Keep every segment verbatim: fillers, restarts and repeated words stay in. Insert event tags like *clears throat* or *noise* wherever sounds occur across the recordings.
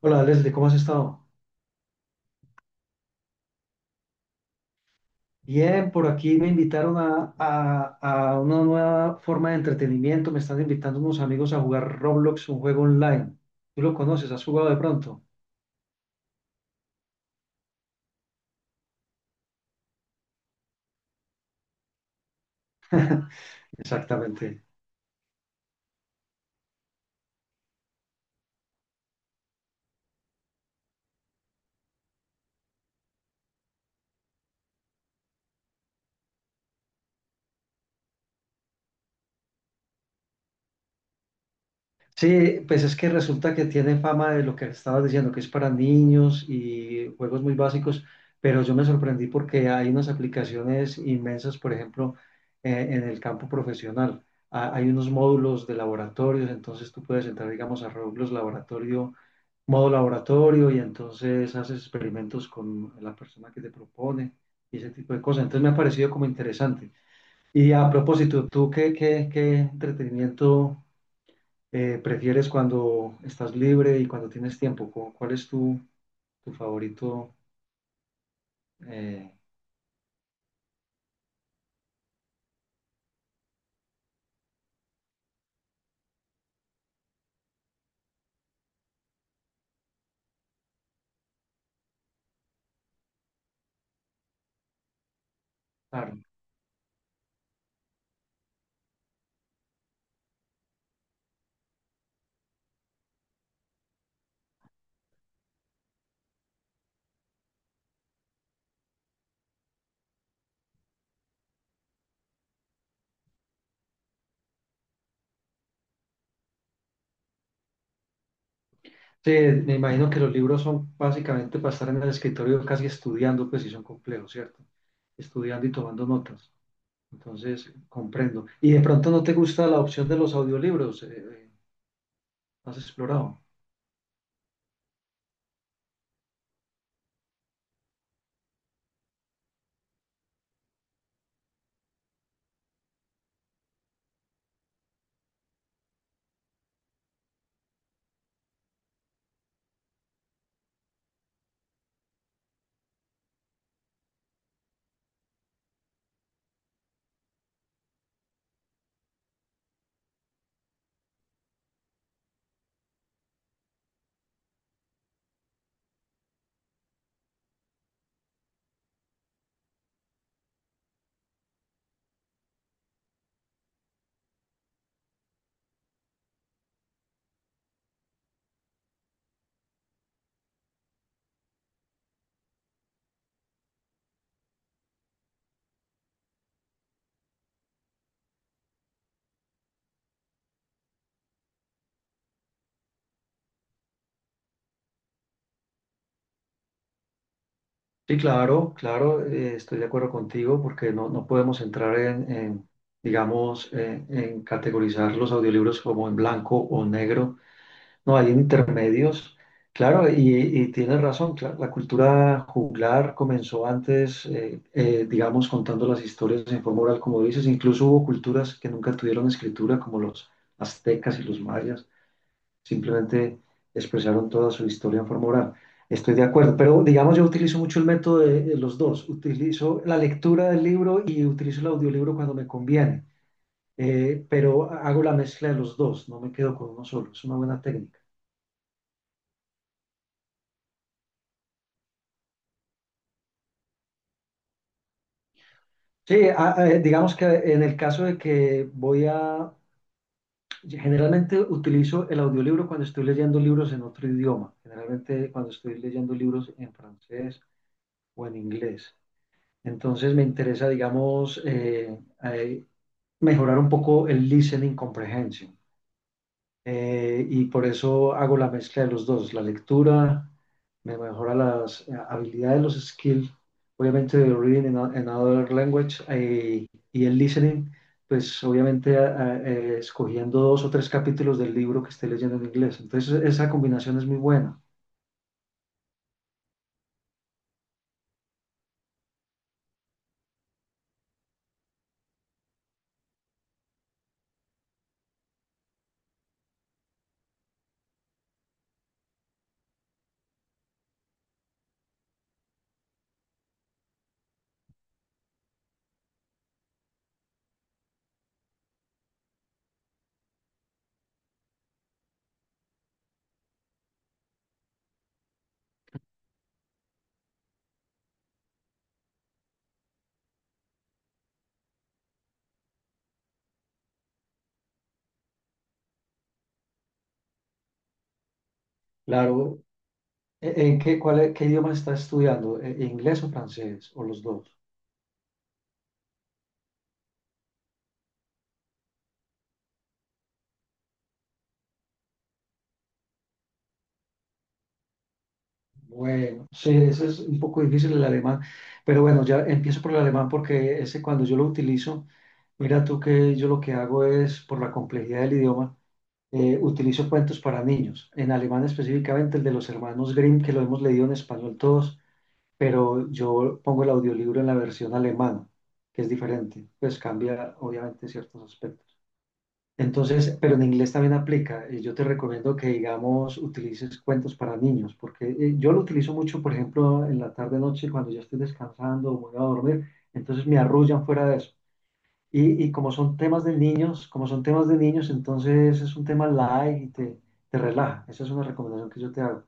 Hola Leslie, ¿cómo has estado? Bien, por aquí me invitaron a, a- a una nueva forma de entretenimiento. Me están invitando unos amigos a jugar Roblox, un juego online. ¿Tú lo conoces? ¿Has jugado de pronto? Exactamente. Sí, pues es que resulta que tiene fama de lo que estabas diciendo, que es para niños y juegos muy básicos, pero yo me sorprendí porque hay unas aplicaciones inmensas, por ejemplo, eh, en el campo profesional. Ah, hay unos módulos de laboratorios, entonces tú puedes entrar, digamos, a Roblox Laboratorio modo laboratorio, y entonces haces experimentos con la persona que te propone y ese tipo de cosas. Entonces me ha parecido como interesante. Y a propósito, ¿tú qué, qué, qué entretenimiento eh, prefieres cuando estás libre y cuando tienes tiempo? ¿Cu- ¿Cuál es tu, tu favorito? eh, claro. Sí, me imagino que los libros son básicamente para estar en el escritorio casi estudiando, pues si son complejos, ¿cierto? Estudiando y tomando notas. Entonces, comprendo. Y de pronto no te gusta la opción de los audiolibros, eh, eh, ¿no has explorado? Sí, claro, claro, eh, estoy de acuerdo contigo porque no, no podemos entrar en, en, digamos, eh, en categorizar los audiolibros como en blanco o negro. No, hay intermedios. Claro, y, y tienes razón, cla- la cultura juglar comenzó antes, eh, eh, digamos, contando las historias en forma oral, como dices. Incluso hubo culturas que nunca tuvieron escritura, como los aztecas y los mayas. Simplemente expresaron toda su historia en forma oral. Estoy de acuerdo, pero digamos yo utilizo mucho el método de, de los dos. Utilizo la lectura del libro y utilizo el audiolibro cuando me conviene, eh, pero hago la mezcla de los dos, no me quedo con uno solo, es una buena técnica. Sí, a- a- eh, digamos que en el caso de que voy a, generalmente utilizo el audiolibro cuando estoy leyendo libros en otro idioma, generalmente cuando estoy leyendo libros en francés o en inglés. Entonces me interesa, digamos, eh, eh, mejorar un poco el listening comprehension. Eh, y por eso hago la mezcla de los dos. La lectura me mejora las eh, habilidades, los skills, obviamente de reading in, a- in another language, eh, y el listening, pues obviamente a- a- eh, escogiendo dos o tres capítulos del libro que esté leyendo en inglés. Entonces esa combinación es muy buena. Claro, ¿en en qué, cuál, es- qué idioma estás estudiando? ¿En- en ¿Inglés o francés o los dos? Bueno, sí, ese es un poco difícil el alemán, pero bueno, ya empiezo por el alemán porque ese cuando yo lo utilizo, mira tú que yo lo que hago es, por la complejidad del idioma, eh, utilizo cuentos para niños, en alemán específicamente el de los hermanos Grimm, que lo hemos leído en español todos, pero yo pongo el audiolibro en la versión alemana, que es diferente, pues cambia obviamente ciertos aspectos. Entonces, pero en inglés también aplica. Eh, Yo te recomiendo que, digamos, utilices cuentos para niños, porque eh, yo lo utilizo mucho, por ejemplo, en la tarde noche cuando ya estoy descansando o me voy a dormir, entonces me arrullan fuera de eso. Y, y como son temas de niños, como son temas de niños, entonces es un tema light y te, te relaja. Esa es una recomendación que yo te hago.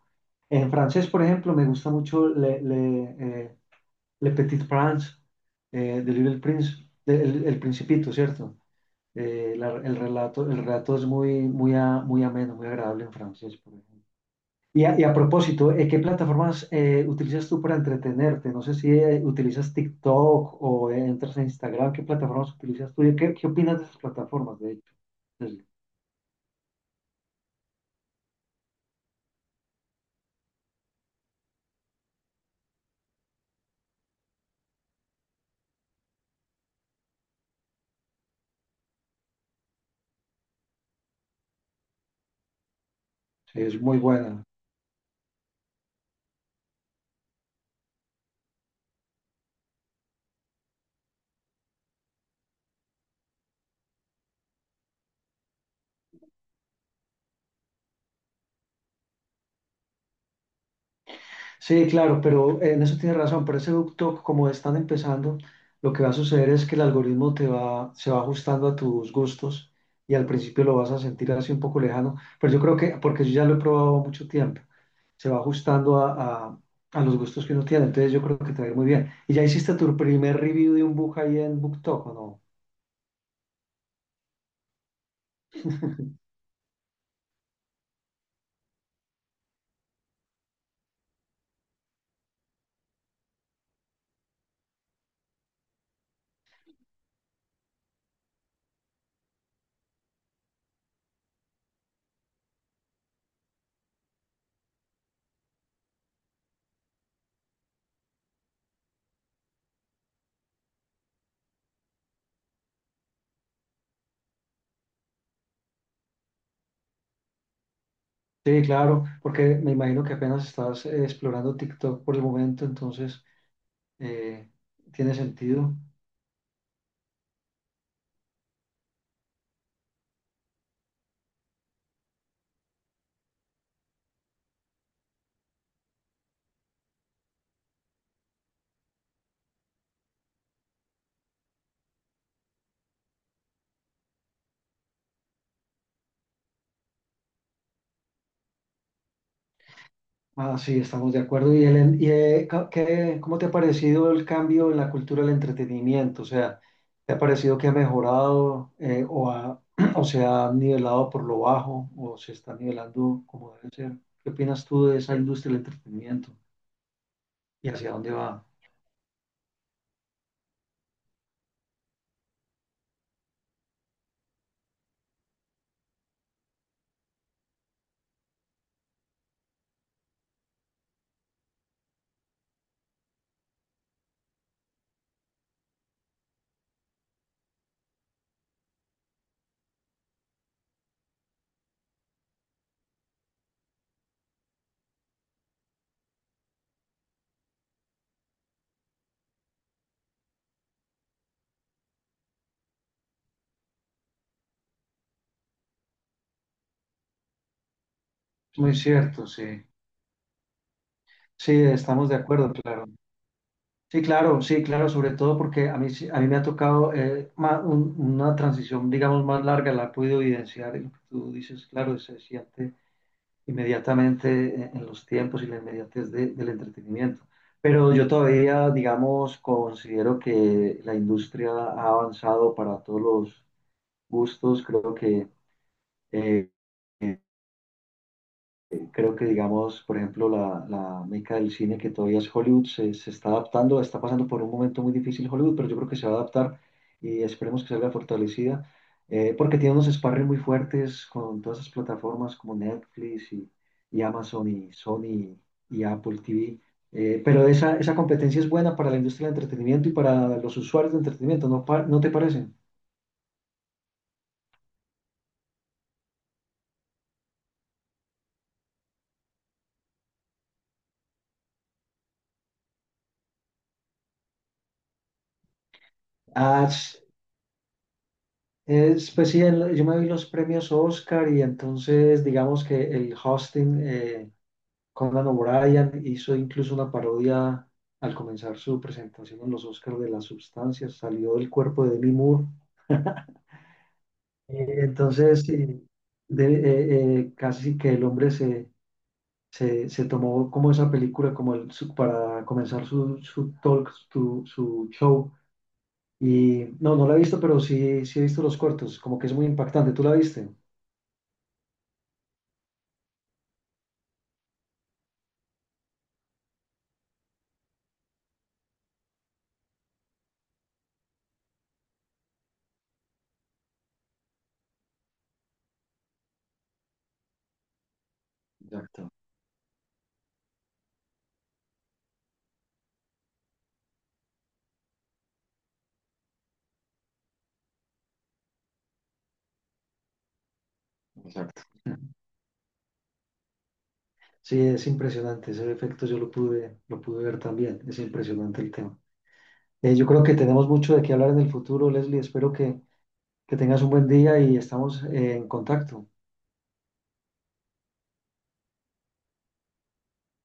En francés, por ejemplo, me gusta mucho Le, Le, eh, Le Petit Prince, eh, de Little Prince, de- el el Principito, ¿cierto? Eh, la- el relato, el relato es muy, muy, a- muy ameno, muy agradable en francés, por ejemplo. Y a, y a propósito, eh, ¿qué plataformas eh, utilizas tú para entretenerte? No sé si eh, utilizas TikTok o eh, entras en Instagram. ¿Qué plataformas utilizas tú? ¿Qué, qué opinas de esas plataformas, de hecho? Es, es muy buena. Sí, claro, pero en eso tienes razón, pero ese ducto, como están empezando, lo que va a suceder es que el algoritmo te va, se va ajustando a tus gustos, y al principio lo vas a sentir así un poco lejano, pero yo creo que, porque yo ya lo he probado mucho tiempo, se va ajustando a, a- a los gustos que uno tiene, entonces yo creo que te va a ir muy bien. ¿Y ya hiciste tu primer review de un book ahí en BookTok o no? Sí, claro, porque me imagino que apenas estás eh, explorando TikTok por el momento, entonces eh, tiene sentido. Ah, sí, estamos de acuerdo. ¿Y, el, y eh, ca- qué- cómo te ha parecido el cambio en la cultura del entretenimiento? O sea, ¿te ha parecido que ha mejorado eh, o, ha- *clears throat* o se ha nivelado por lo bajo o se está nivelando como debe ser? ¿Qué opinas tú de esa industria del entretenimiento y hacia dónde va? Muy cierto, sí. Sí, estamos de acuerdo, claro. Sí, claro, sí, claro, sobre todo porque a mí, sí- a mí me ha tocado eh, ma- un- una transición, digamos, más larga, la he podido evidenciar, y lo que tú dices, claro, se siente inmediatamente eh, en los tiempos y la inmediatez de- del entretenimiento. Pero yo todavía, digamos, considero que la industria ha avanzado para todos los gustos. Creo que eh, creo que, digamos, por ejemplo, la, la meca del cine que todavía es Hollywood se, se está adaptando, está pasando por un momento muy difícil Hollywood, pero yo creo que se va a adaptar y esperemos que salga fortalecida, eh, porque tiene unos sparring muy fuertes con todas esas plataformas como Netflix y, y Amazon y Sony y Apple T V. Eh, pero esa, esa competencia es buena para la industria del entretenimiento y para los usuarios de entretenimiento, ¿no, pa- no te parece? Ah, es, pues sí, el- yo me vi los premios Oscar y entonces digamos que el hosting, eh, Conan O'Brien, hizo incluso una parodia al comenzar su presentación en los Oscars, de las sustancias, salió del cuerpo de Demi Moore. Eh, Entonces, eh, de- eh, eh, casi que el hombre se, se, se tomó como esa película como el, su- para comenzar su, su talk, su, su show. Y no, no la he visto, pero sí, sí he visto los cortos, como que es muy impactante. ¿Tú la viste? Exacto. Exacto. Sí, es impresionante, ese efecto yo lo pude, lo pude ver también, es impresionante el tema. Eh, yo creo que tenemos mucho de qué hablar en el futuro, Leslie, espero que, que tengas un buen día y estamos eh, en contacto.